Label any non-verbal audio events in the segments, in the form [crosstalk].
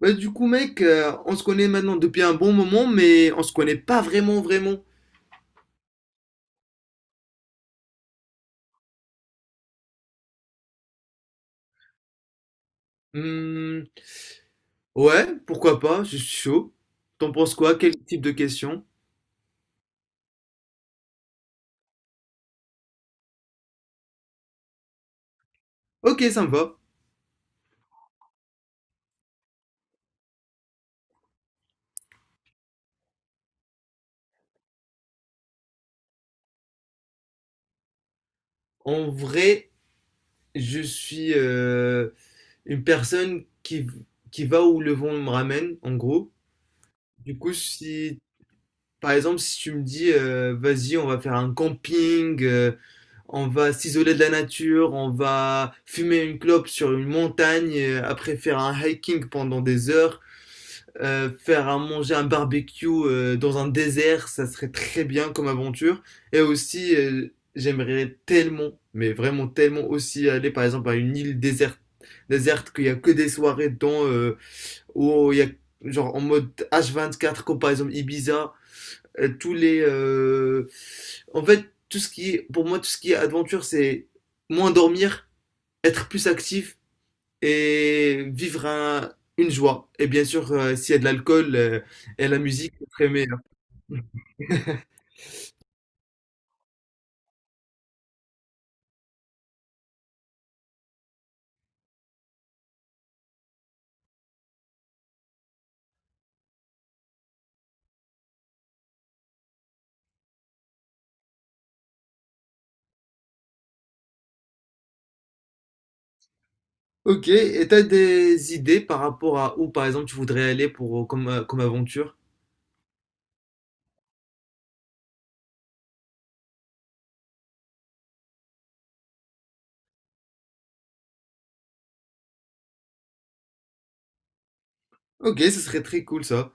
On se connaît maintenant depuis un bon moment, mais on se connaît pas vraiment. Hmm, ouais, pourquoi pas, je suis chaud. T'en penses quoi? Quel type de question? Ok, ça me va. En vrai, je suis une personne qui va où le vent me ramène, en gros. Du coup, si Par exemple, si tu me dis, vas-y, on va faire un camping, on va s'isoler de la nature, on va fumer une clope sur une montagne, après faire un hiking pendant des heures, faire un manger un barbecue dans un désert, ça serait très bien comme aventure. Et aussi, j'aimerais tellement, mais vraiment tellement aussi aller par exemple à une île déserte qu'il y a que des soirées dedans, où il y a genre en mode H24 comme par exemple Ibiza tous les. En fait, tout ce qui est, pour moi, tout ce qui est aventure, c'est moins dormir, être plus actif et une joie. Et bien sûr, s'il y a de l'alcool et la musique, c'est très meilleur. Ok, et t'as des idées par rapport à où, par exemple, tu voudrais aller pour, comme, comme aventure? Ok, ce serait très cool ça.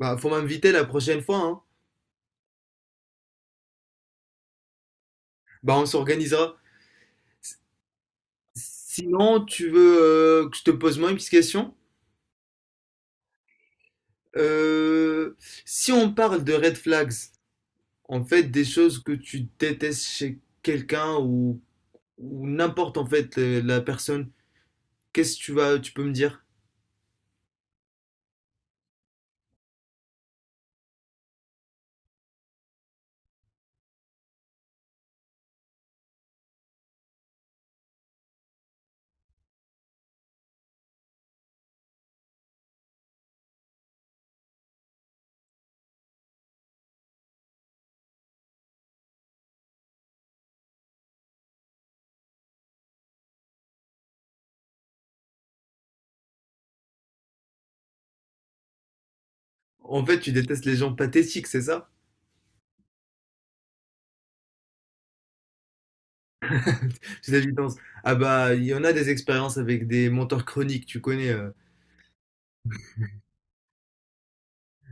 Bah, faut m'inviter la prochaine fois, hein. Bah, on s'organisera. S- Sinon, tu veux que je te pose moi une petite question? Euh, Si on parle de red flags, en fait, des choses que tu détestes chez quelqu'un ou n'importe en fait la personne, qu'est-ce que tu vas, tu peux me dire? En fait, tu détestes les gens pathétiques, c'est ça? C'est l'évidence. Ah bah, il y en a des expériences avec des menteurs chroniques, tu connais.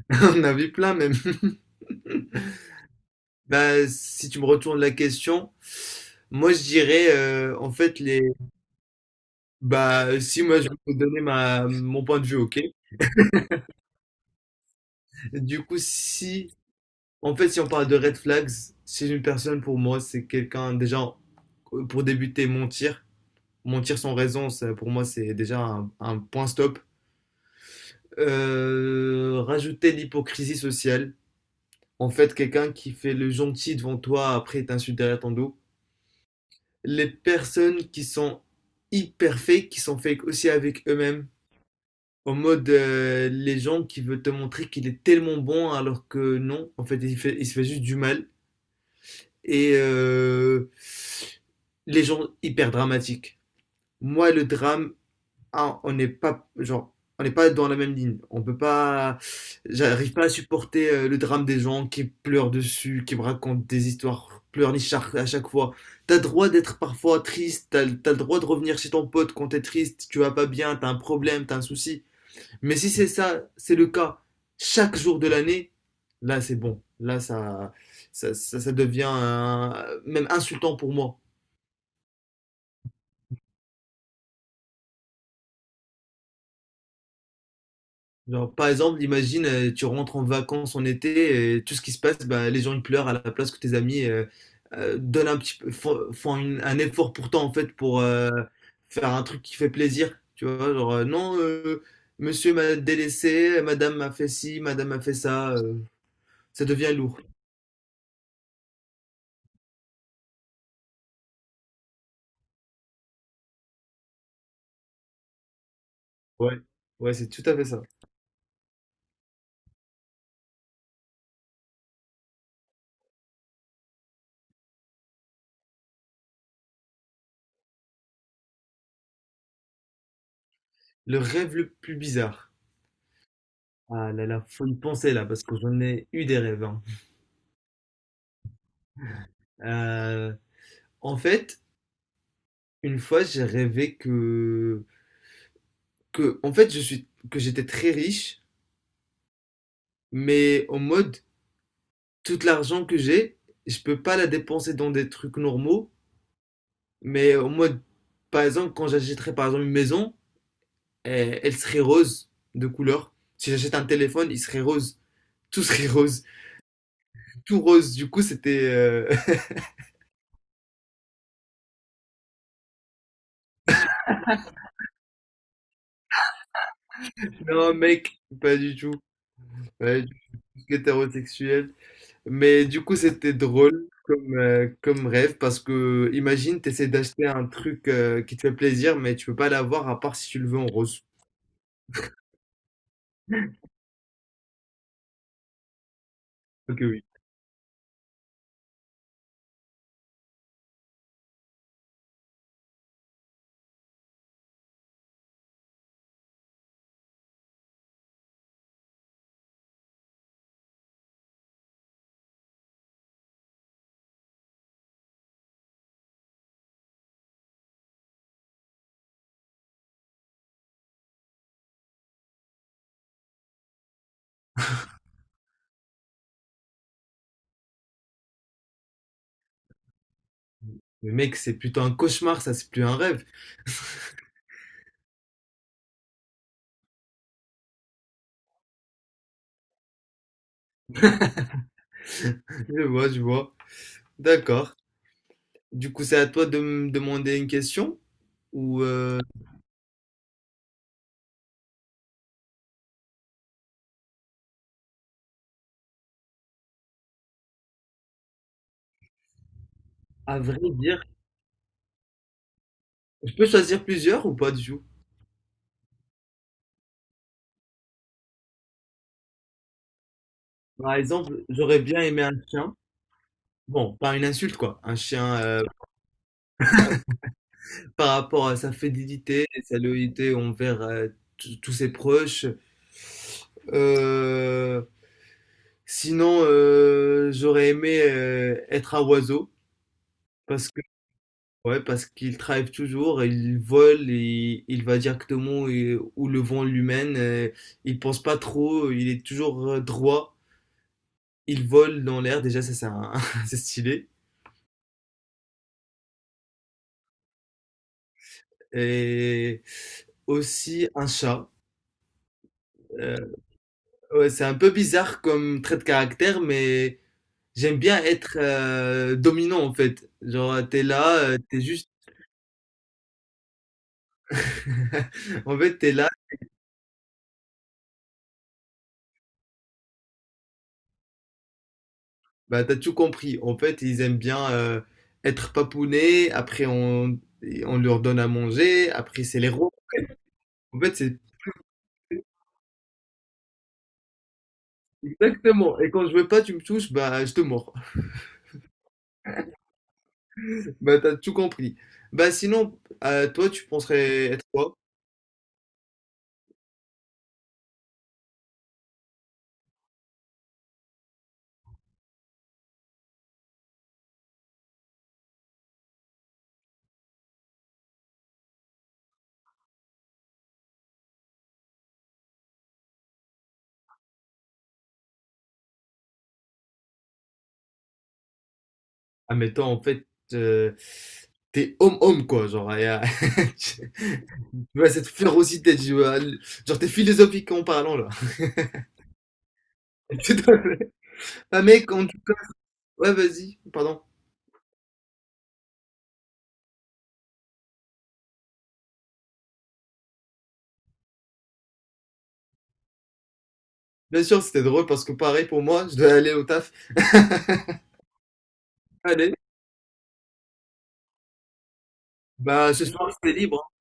[laughs] On en a vu plein même. Bah, si tu me retournes la question, moi je dirais en fait les bah si moi je peux donner ma mon point de vue, OK. Du coup, si En fait, si on parle de red flags, si une personne pour moi, c'est quelqu'un déjà pour débuter mentir, mentir sans raison, ça, pour moi c'est déjà un point stop. Rajouter l'hypocrisie sociale. En fait, quelqu'un qui fait le gentil devant toi après il t'insulte derrière ton dos. Les personnes qui sont hyper fake, qui sont fake aussi avec eux-mêmes. En mode, les gens qui veulent te montrer qu'il est tellement bon alors que non, en fait, il se fait juste du mal. Et les gens hyper dramatiques. Moi, le drame, ah, on n'est pas, genre, on n'est pas dans la même ligne. On peut pas, j'arrive pas à supporter le drame des gens qui pleurent dessus, qui me racontent des histoires pleurnichards à chaque fois. T'as le droit d'être parfois triste, t'as le droit de revenir chez ton pote quand t'es triste, tu vas pas bien, t'as un problème, t'as un souci. Mais si c'est ça, c'est le cas chaque jour de l'année, là c'est bon. Là ça devient même insultant pour moi. Genre, par exemple, imagine, tu rentres en vacances en été et tout ce qui se passe, bah, les gens ils pleurent à la place que tes amis donnent un petit peu, font un effort pour toi en fait pour faire un truc qui fait plaisir. Tu vois, genre, non, monsieur m'a délaissé, madame m'a fait ci, madame m'a fait ça, ça devient lourd. Ouais, ouais, c'est tout à fait ça. Le rêve le plus bizarre. Ah là là, faut y penser là, parce que j'en ai eu des rêves. Hein. Euh, En fait, une fois, j'ai rêvé en fait, que j'étais très riche, mais en mode, tout l'argent que j'ai, je peux pas la dépenser dans des trucs normaux, mais en mode, par exemple, quand j'achèterais par exemple une maison, eh, elle serait rose de couleur. Si j'achète un téléphone, il serait rose. Tout serait [laughs] rose. Tout rose. Du coup, c'était... [laughs] Non, mec, pas du tout. Ouais, du tout. Ce qui est hétérosexuel. Mais du coup, c'était drôle comme, comme rêve parce que imagine, tu essaies d'acheter un truc qui te fait plaisir, mais tu peux pas l'avoir à part si tu le veux en rose. Ok, oui. Mais mec, c'est plutôt un cauchemar, ça, c'est plus un rêve. [laughs] Je vois, je vois. D'accord. Du coup, c'est à toi de me demander une question ou à vrai dire, je peux choisir plusieurs ou pas du tout? Par exemple, j'aurais bien aimé un chien. Bon, pas une insulte quoi, un chien par rapport à sa fidélité et sa loyauté envers tous ses proches. Euh, Sinon, j'aurais aimé être un oiseau parce que ouais, parce qu'il travaille toujours, il vole et il va directement où le vent lui mène. Il pense pas trop, il est toujours droit. Il vole dans l'air. Déjà, ça [laughs] c'est stylé. Et aussi un chat. Euh, ouais, c'est un peu bizarre comme trait de caractère, mais j'aime bien être dominant en fait. Genre, t'es là, t'es juste [laughs] En fait, t'es là, bah, t'as tout compris. En fait, ils aiment bien être papounés, on leur donne à manger, après c'est les rois. En fait, c'est exactement. Et quand je veux pas, tu me touches, bah je te mords. [laughs] Bah t'as tout compris. Bah sinon, toi, tu penserais être quoi? Ah mais admettons, en fait, euh, t'es homme-homme, quoi. Genre, et, [laughs] tu vois, cette férocité, tu vois, genre, t'es philosophique en parlant, là. [laughs] Tout à fait. Ah mec, en tout cas, ouais, vas-y, pardon. Bien sûr, c'était drôle parce que pareil pour moi, je dois aller au taf. [laughs] Allez, bah ce soir, c'est libre. Hein.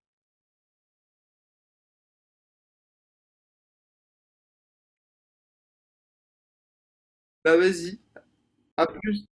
Bah vas-y, à plus.